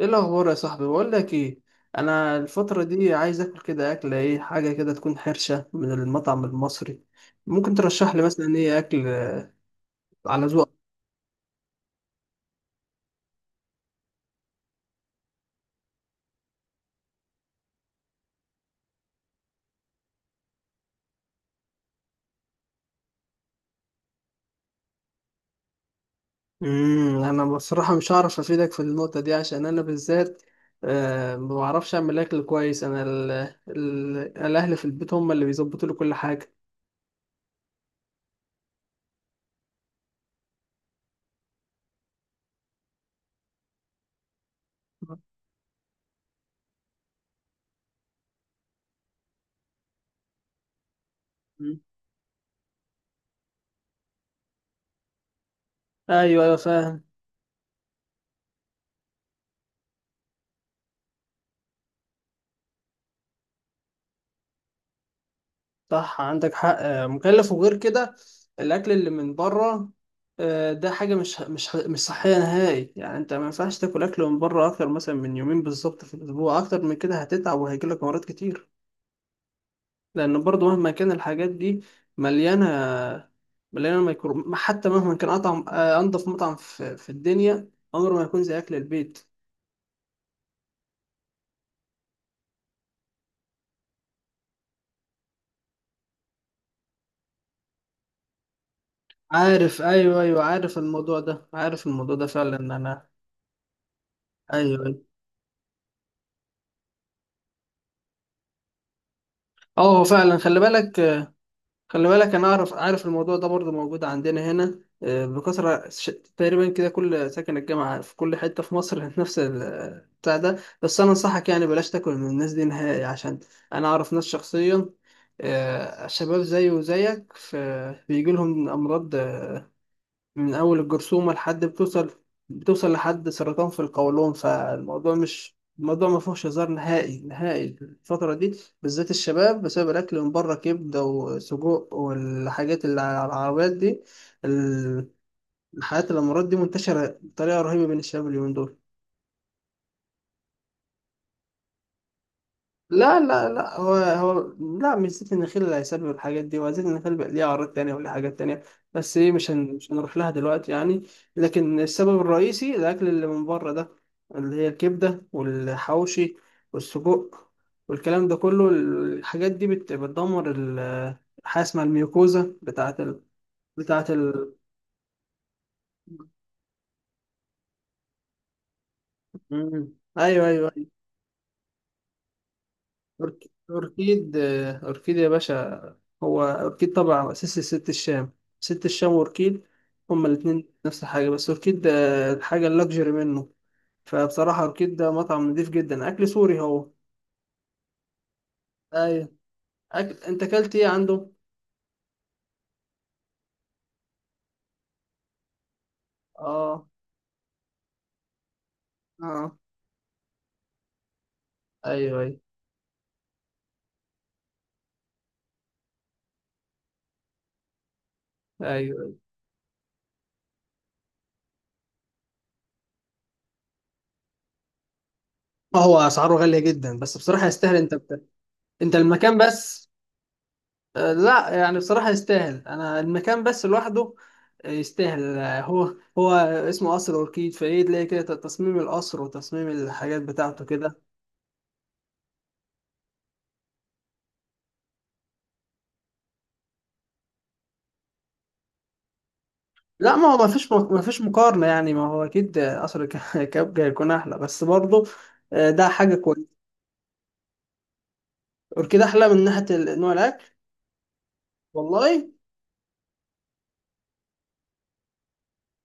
ايه الاخبار يا صاحبي؟ بقول لك ايه، انا الفتره دي عايز اكل كده، اكله ايه، حاجه كده تكون حرشه من المطعم المصري. ممكن ترشح لي مثلا ايه اكل على ذوقك؟ انا بصراحه مش هعرف افيدك في النقطه دي، عشان انا بالذات ما بعرفش اعمل اكل كويس. انا ال ال الاهل في البيت هم اللي بيظبطوا لي كل حاجه. مم. ايوه، ايوه، فاهم. صح، عندك حق. مكلف، وغير كده الاكل اللي من بره ده حاجه مش صحيه نهائي يعني. انت ما ينفعش تاكل اكل من بره اكتر مثلا من يومين بالظبط في الاسبوع، اكتر من كده هتتعب وهيجيلك امراض كتير. لان برضه مهما كان الحاجات دي مليانه مليانه ميكرو. حتى مهما كان اطعم انضف مطعم في الدنيا، عمره ما يكون زي اكل البيت. عارف، ايوه، ايوه، عارف الموضوع ده فعلا. انا ايوه، أيوة. اه، هو فعلا. خلي بالك، خلي بالك، انا عارف الموضوع ده برضه موجود عندنا هنا بكثره، تقريبا كده كل ساكن الجامعه في كل حته في مصر نفس بتاع ده. بس انا انصحك يعني بلاش تاكل من الناس دي نهائي، عشان انا اعرف ناس شخصيا، شباب زيي وزيك، بيجي لهم امراض، من أول الجرثومة لحد بتوصل لحد سرطان في القولون. فالموضوع مش الموضوع ما فيهوش هزار نهائي، نهائي الفترة دي بالذات الشباب، بسبب الأكل من بره، كبدة وسجق والحاجات اللي على العربيات دي. ال- الحاجات الأمراض دي منتشرة بطريقة رهيبة بين الشباب اليومين دول. لا، لا، لا، هو، لا مش زيت النخيل اللي هيسبب الحاجات دي، وزيت النخيل بقى ليه أعراض تانية وليه حاجات تانية، بس إيه، مش هنروح لها دلوقتي يعني. لكن السبب الرئيسي الأكل اللي من بره ده، اللي هي الكبدة والحواوشي والسجق والكلام ده كله. الحاجات دي بتدمر حاجة اسمها الميوكوزا بتاعة ال... بتاعة ال... مم. أيوه، أيوه، أوركيد. أوركيد يا باشا، هو أوركيد طبعا أساسي ست الشام. ست الشام وأوركيد هما الاتنين نفس الحاجة، بس أوركيد ده الحاجة اللكجري منه. فبصراحة أوركيد ده مطعم نضيف جدا، أكل سوري هو. أيوة. أكل، أنت أكلت إيه عنده؟ آه، آه، أيوه، أيوه، أيوه. هو أسعاره غالية جدا، بس بصراحة يستاهل. أنت أنت المكان بس. لا يعني، بصراحة يستاهل، أنا المكان بس لوحده. يستاهل. هو. اسمه قصر أوركيد، فإيه تلاقي كده تصميم القصر وتصميم الحاجات بتاعته كده. لا، ما هو ما فيش مقارنة يعني. ما هو أكيد قصر كابجا هيكون أحلى، بس برضه ده حاجة كويسة. أوركيد أحلى من ناحية نوع الأكل. والله،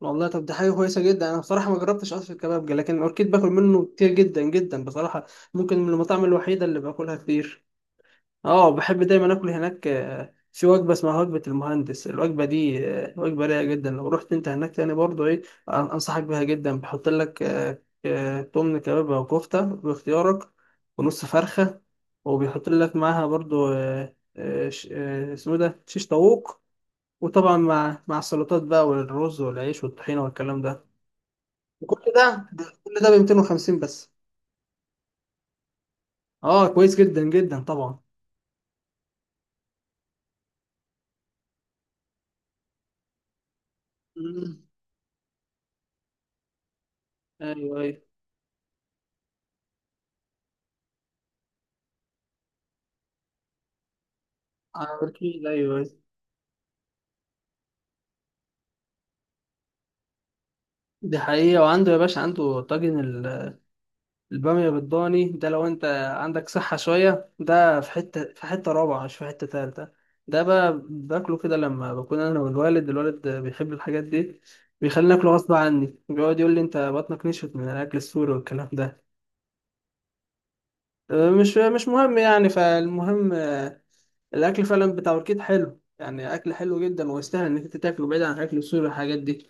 والله، طب دي حاجة كويسة جدا، أنا بصراحة ما جربتش قصر الكبابجا، لكن أوركيد باكل منه كتير جدا جدا بصراحة. ممكن من المطاعم الوحيدة اللي باكلها كتير. اه، بحب دايما اكل هناك. في وجبه اسمها وجبه المهندس. الوجبه دي وجبه رايقه جدا. لو رحت انت هناك تاني برضه ايه، انصحك بيها جدا. بحط لك تمن كباب او كفته باختيارك، ونص فرخه، وبيحط لك معاها برضه اسمه ده شيش طاووق. وطبعا مع السلطات بقى والرز والعيش والطحينه والكلام ده. كل ده ب 250 بس. اه، كويس جدا جدا طبعا. مم. ايوه، ايوه، على الأكيد، ايوه. دي حقيقة. وعنده يا باشا، عنده طاجن البامية بالضاني ده، لو انت عندك صحة شوية، ده في حتة رابعة، مش في حتة تالتة. ده بقى باكله كده لما بكون انا والوالد، الوالد بيحب الحاجات دي، بيخليني اكله غصب عني. بيقعد يقول لي: انت بطنك نشفت من الاكل السوري والكلام ده. مش مهم يعني. فالمهم الاكل فعلا بتاع اوركيد حلو يعني، اكل حلو جدا، ويستاهل انك انت تاكله، بعيد عن الاكل السوري والحاجات دي.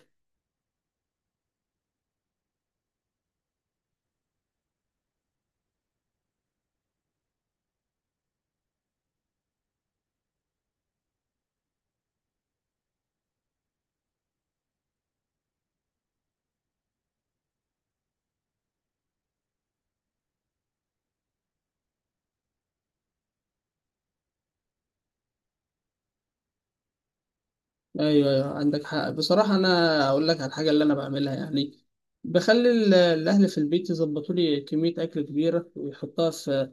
ايوه، ايوه، عندك حق بصراحه. انا اقول لك على الحاجه اللي انا بعملها يعني. بخلي الاهل في البيت يظبطوا لي كميه اكل كبيره ويحطها في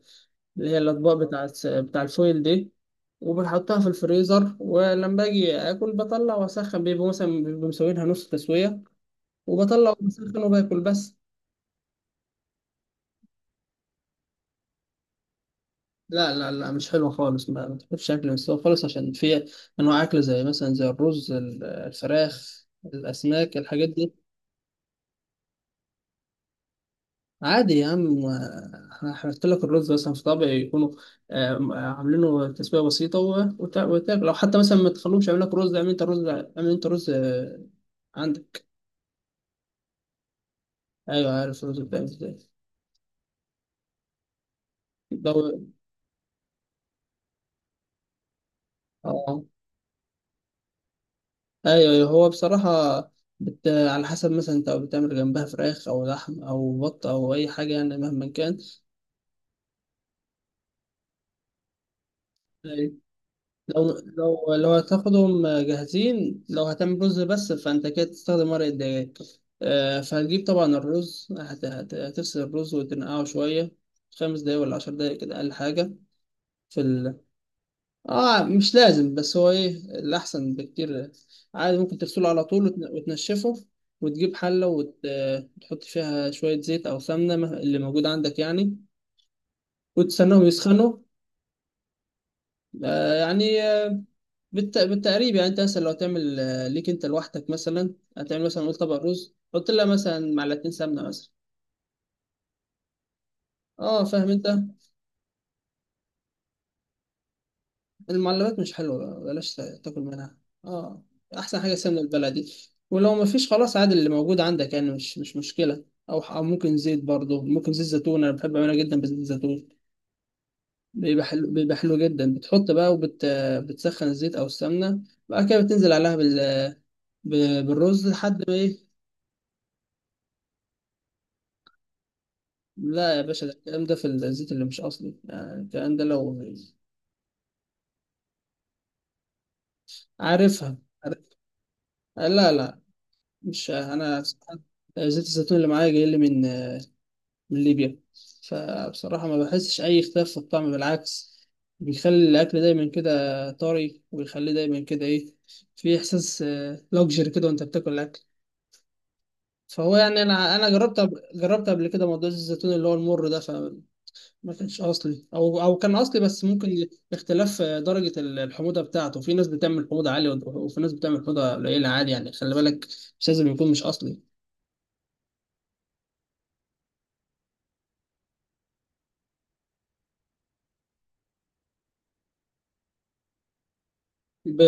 اللي هي الاطباق بتاع الفويل دي. وبنحطها في الفريزر، ولما باجي اكل بطلع واسخن. بيبقوا مثلا مسوينها نص تسويه، وبطلع وبسخن وباكل بس. لا، لا، لا، مش حلوه خالص، ما تاكلش اكل مستوي خالص، عشان في انواع اكل زي مثلا الرز، الفراخ، الاسماك، الحاجات دي. عادي يا عم. هحط لك الرز مثلا في طبق يكونوا عاملينه تسويه بسيطه، وتاكل. لو حتى مثلا ما تخلوهمش يعمل لك رز، اعمل انت رز، اعمل انت رز عندك. ايوه، عارف الرز بتاعي ازاي. لو اه ايوه، أيوة. هو بصراحه على حسب مثلا انت بتعمل جنبها فراخ او لحم او بط او اي حاجه يعني مهما كان. لو هتاخدهم جاهزين، لو هتعمل رز بس، فانت كده تستخدم ورق الدجاج. فهتجيب طبعا الرز. هتغسل الرز وتنقعه شوية، 5 دقايق ولا 10 دقايق كده، أقل حاجة. في ال... اه، مش لازم، بس هو ايه، الأحسن بكتير. عادي ممكن تغسله على طول وتنشفه، وتجيب حلة، وتحط فيها شوية زيت أو سمنة اللي موجود عندك يعني، وتستناهم يسخنوا. يعني بالتقريب يعني، انت مثلا لو تعمل ليك انت لوحدك مثلا، هتعمل مثلا قول طبق رز، حط لها مثلا معلقتين سمنه مثلا. اه، فاهم انت. المعلبات مش حلوه بقى، بلاش تاكل منها. اه، احسن حاجه السمنه البلدي. ولو ما فيش خلاص، عادي اللي موجود عندك يعني، مش مشكله، او ممكن زيت برضه، ممكن زيت زيتون، انا بحب اعملها جدا بزيت زيتون. بيبقى حلو، بيبقى حلو جدا. بتحط بقى بتسخن الزيت او السمنه، بعد كده بتنزل عليها بالرز لحد ما ايه. لا يا باشا، ده الكلام ده في الزيت اللي مش اصلي، يعني الكلام ده لو عارفها. عارف. لا، لا، مش انا. زيت الزيتون اللي معايا جاي لي من ليبيا، فبصراحة ما بحسش اي اختلاف في الطعم، بالعكس، بيخلي الاكل دايما كده طري، ويخليه دايما كده ايه، في احساس لوكجري كده وانت بتاكل الاكل. فهو يعني انا جربت، قبل كده موضوع زيت الزيتون اللي هو المر ده، ما كانش اصلي، او كان اصلي بس ممكن اختلاف درجه الحموضه بتاعته. في ناس بتعمل حموضه عاليه، وفي ناس بتعمل حموضه قليله، عادي يعني، خلي بالك مش لازم يكون مش اصلي. ب...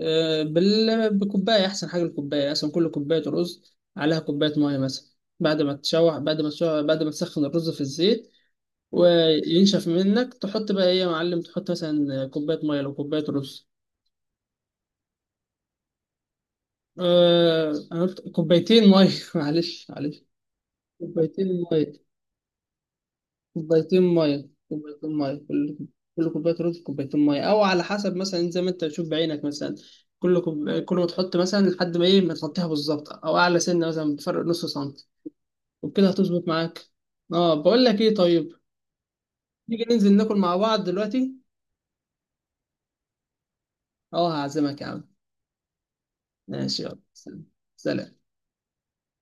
بكوبايه احسن حاجه. الكوبايه اصلا، كل كوبايه رز عليها كوبايه ميه مثلا. بعد ما تشوح بعد ما تسخن الرز في الزيت، وينشف منك، تحط بقى ايه يا معلم، تحط مثلا كوبايه ميه لو كوبايه رز. أنا قلت كوبايتين ميه. معلش، معلش، كوبايتين ميه، كوبايتين ميه، كوبايتين ميه. كل كوبايه رز كوبايتين ميه، او على حسب مثلا، انت زي ما انت تشوف بعينك مثلا. كل ما تحط مثلا لحد ما ايه، ما تغطيها بالظبط، او اعلى سنه مثلا بفرق نص سنتي، وبكده هتظبط معاك. اه، بقول لك ايه، طيب نيجي ننزل ناكل مع بعض دلوقتي. اه، هعزمك يا عم. ماشي، يلا سلام. سلام.